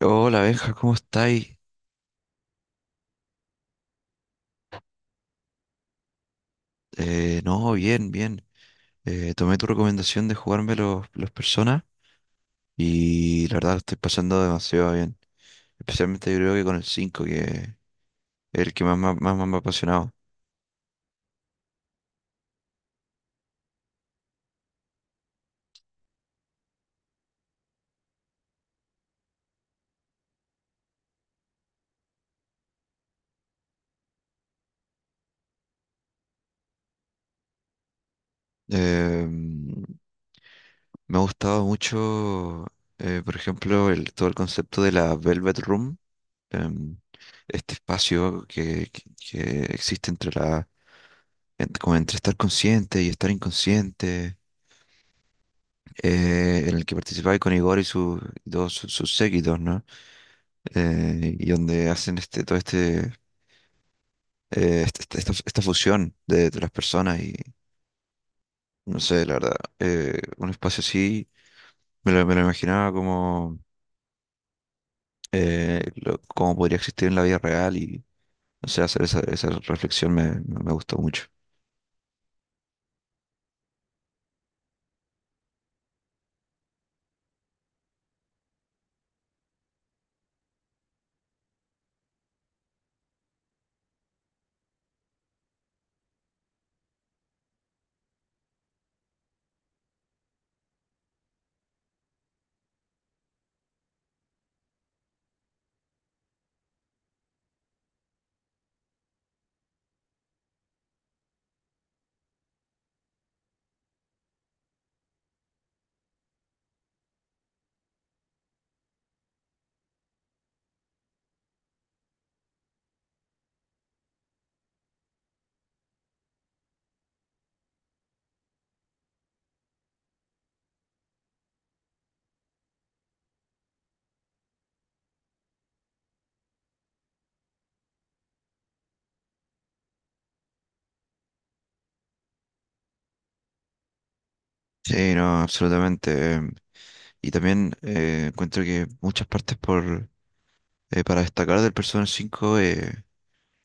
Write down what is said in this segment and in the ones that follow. Hola, Benja, ¿cómo estáis? No, bien, bien. Tomé tu recomendación de jugarme los personas y la verdad lo estoy pasando demasiado bien. Especialmente yo creo que con el 5 que es el que más, más me ha apasionado. Me ha gustado mucho, por ejemplo, el, todo el concepto de la Velvet Room, em, este espacio que existe entre como entre estar consciente y estar inconsciente. En el que participaba con Igor y sus dos sus sus séquitos, ¿no? Y donde hacen todo este, esta fusión de las personas y no sé, la verdad, un espacio así me lo imaginaba como, como podría existir en la vida real y no sé, hacer esa reflexión me gustó mucho. Sí, no, absolutamente. Y también encuentro que muchas partes por para destacar del Persona 5, el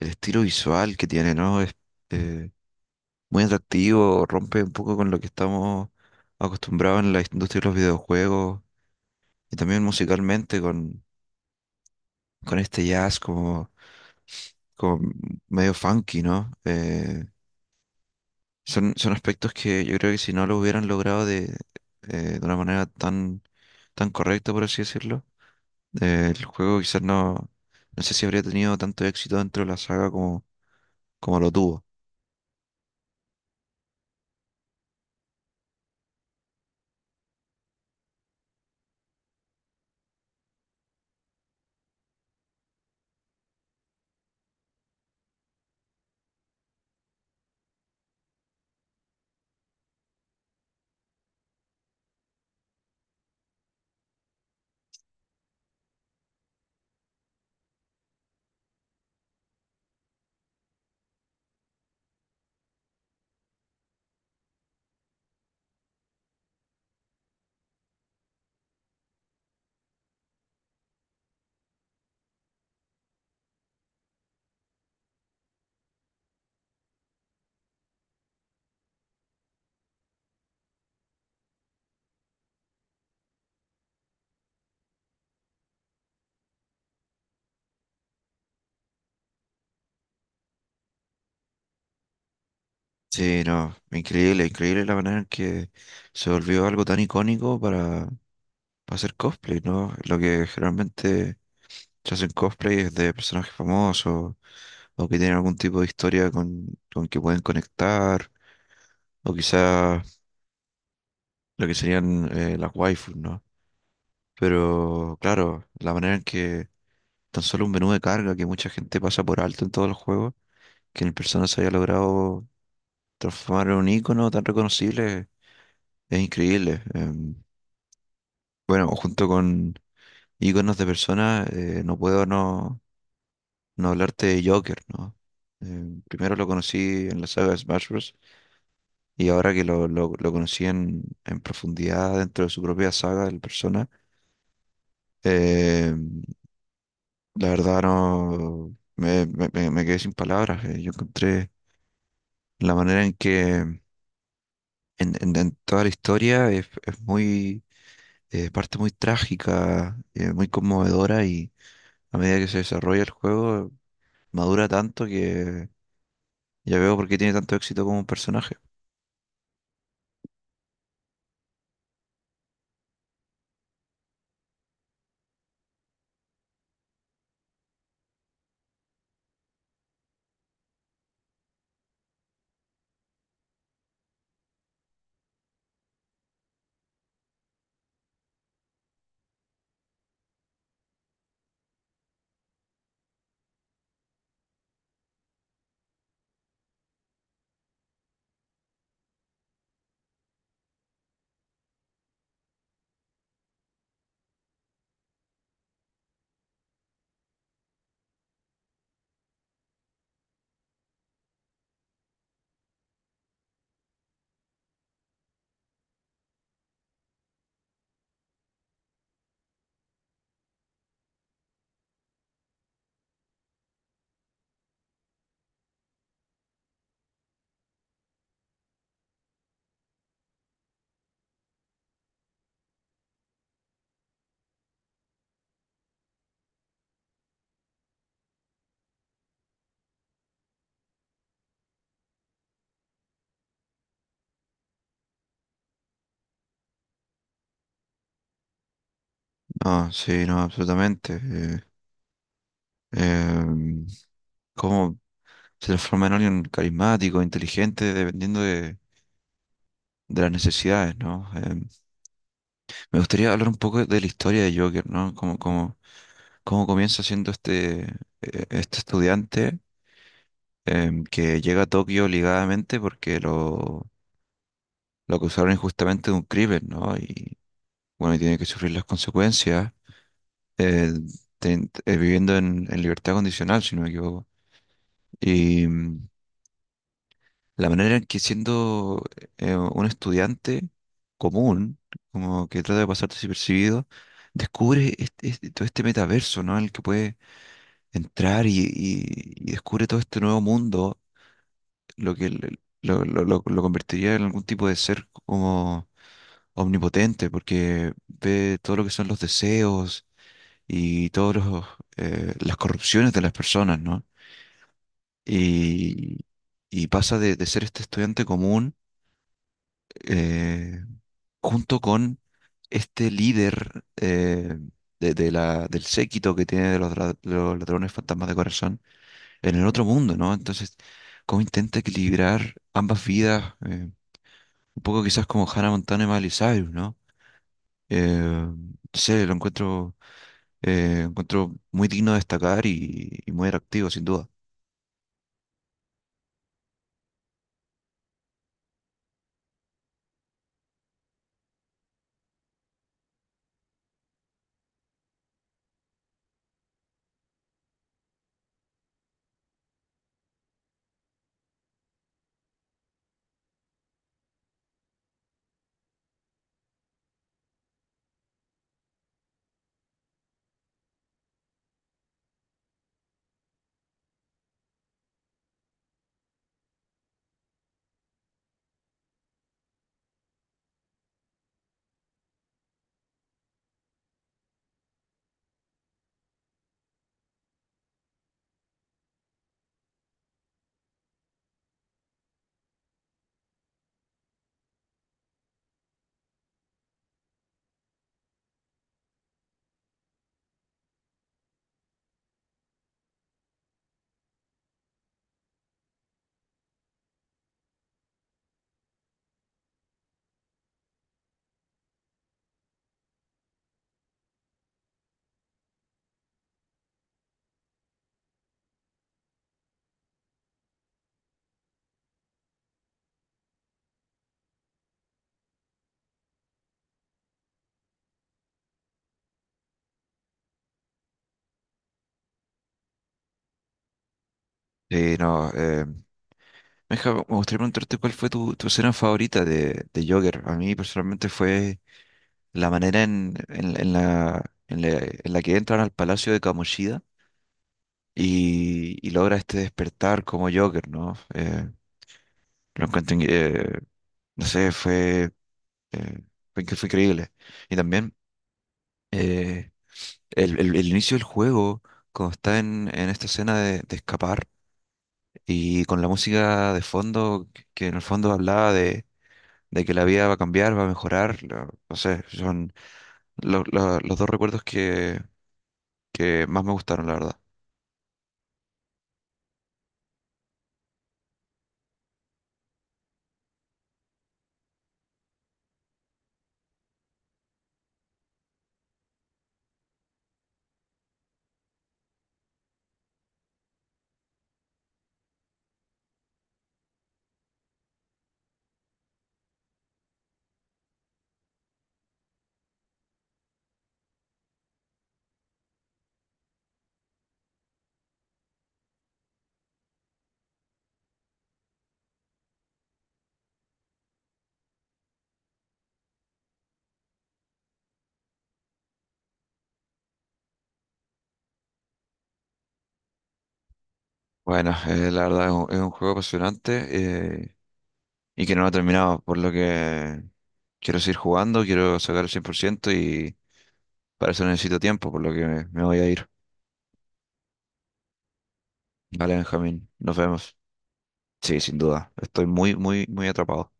estilo visual que tiene, ¿no? Es eh, muy atractivo, rompe un poco con lo que estamos acostumbrados en la industria de los videojuegos y también musicalmente con este jazz como, como medio funky, ¿no? Son, son aspectos que yo creo que si no lo hubieran logrado de una manera tan, tan correcta, por así decirlo, el juego quizás no, no sé si habría tenido tanto éxito dentro de la saga como, como lo tuvo. Sí, no, increíble, increíble la manera en que se volvió algo tan icónico para hacer cosplay, ¿no? Lo que generalmente se hacen cosplay es de personajes famosos o que tienen algún tipo de historia con que pueden conectar o quizás lo que serían las waifus, ¿no? Pero claro, la manera en que tan solo un menú de carga que mucha gente pasa por alto en todos los juegos, que en el Persona se haya logrado transformar en un icono tan reconocible. Es increíble. Bueno, junto con íconos de personas, no puedo no, no hablarte de Joker, ¿no? Primero lo conocí en la saga de Smash Bros. Y ahora que lo conocí en profundidad dentro de su propia saga, el Persona, em, la verdad no me quedé sin palabras. Yo encontré la manera en que en toda la historia es muy, parte muy trágica, muy conmovedora y a medida que se desarrolla el juego, madura tanto que ya veo por qué tiene tanto éxito como un personaje. No, sí, no, absolutamente. Em, Cómo se transforma en alguien carismático, inteligente, dependiendo de las necesidades, ¿no? Me gustaría hablar un poco de la historia de Joker, ¿no? Cómo, cómo, cómo comienza siendo este, este estudiante que llega a Tokio obligadamente porque lo acusaron injustamente de un crimen, ¿no? Y bueno, y tiene que sufrir las consecuencias. eh, Viviendo en libertad condicional, si no me equivoco. Y mm, la manera en que siendo un estudiante común, como que trata de pasar desapercibido, descubre todo este metaverso, ¿no? En el que puede entrar y descubre todo este nuevo mundo, lo que lo convertiría en algún tipo de ser como omnipotente, porque ve todo lo que son los deseos y todas las corrupciones de las personas, ¿no? Y y pasa de ser este estudiante común eh, junto con este líder de del séquito que tiene de de los ladrones fantasmas de corazón en el otro mundo, ¿no? Entonces, ¿cómo intenta equilibrar ambas vidas? Un poco quizás como Hannah Montana y Miley Cyrus, ¿no? No sé, lo encuentro, encuentro muy digno de destacar y muy atractivo, sin duda. Sí, no, Meja, me gustaría preguntarte cuál fue tu, tu escena favorita de Joker. A mí personalmente fue la manera en la que entran al palacio de Kamoshida y logra este despertar como Joker, ¿no? Lo encuentro, no sé, fue, eh, que fue increíble. Y también eh, el, el inicio del juego, cuando está en esta escena de escapar y con la música de fondo, que en el fondo hablaba de que la vida va a cambiar, va a mejorar. No sé, son los dos recuerdos que más me gustaron, la verdad. Bueno, la verdad es un juego apasionante eh, y que no lo he terminado, por lo que quiero seguir jugando, quiero sacar el 100% y para eso necesito tiempo, por lo que me voy a ir. Vale, Benjamín, nos vemos. Sí, sin duda, estoy muy, muy, muy atrapado.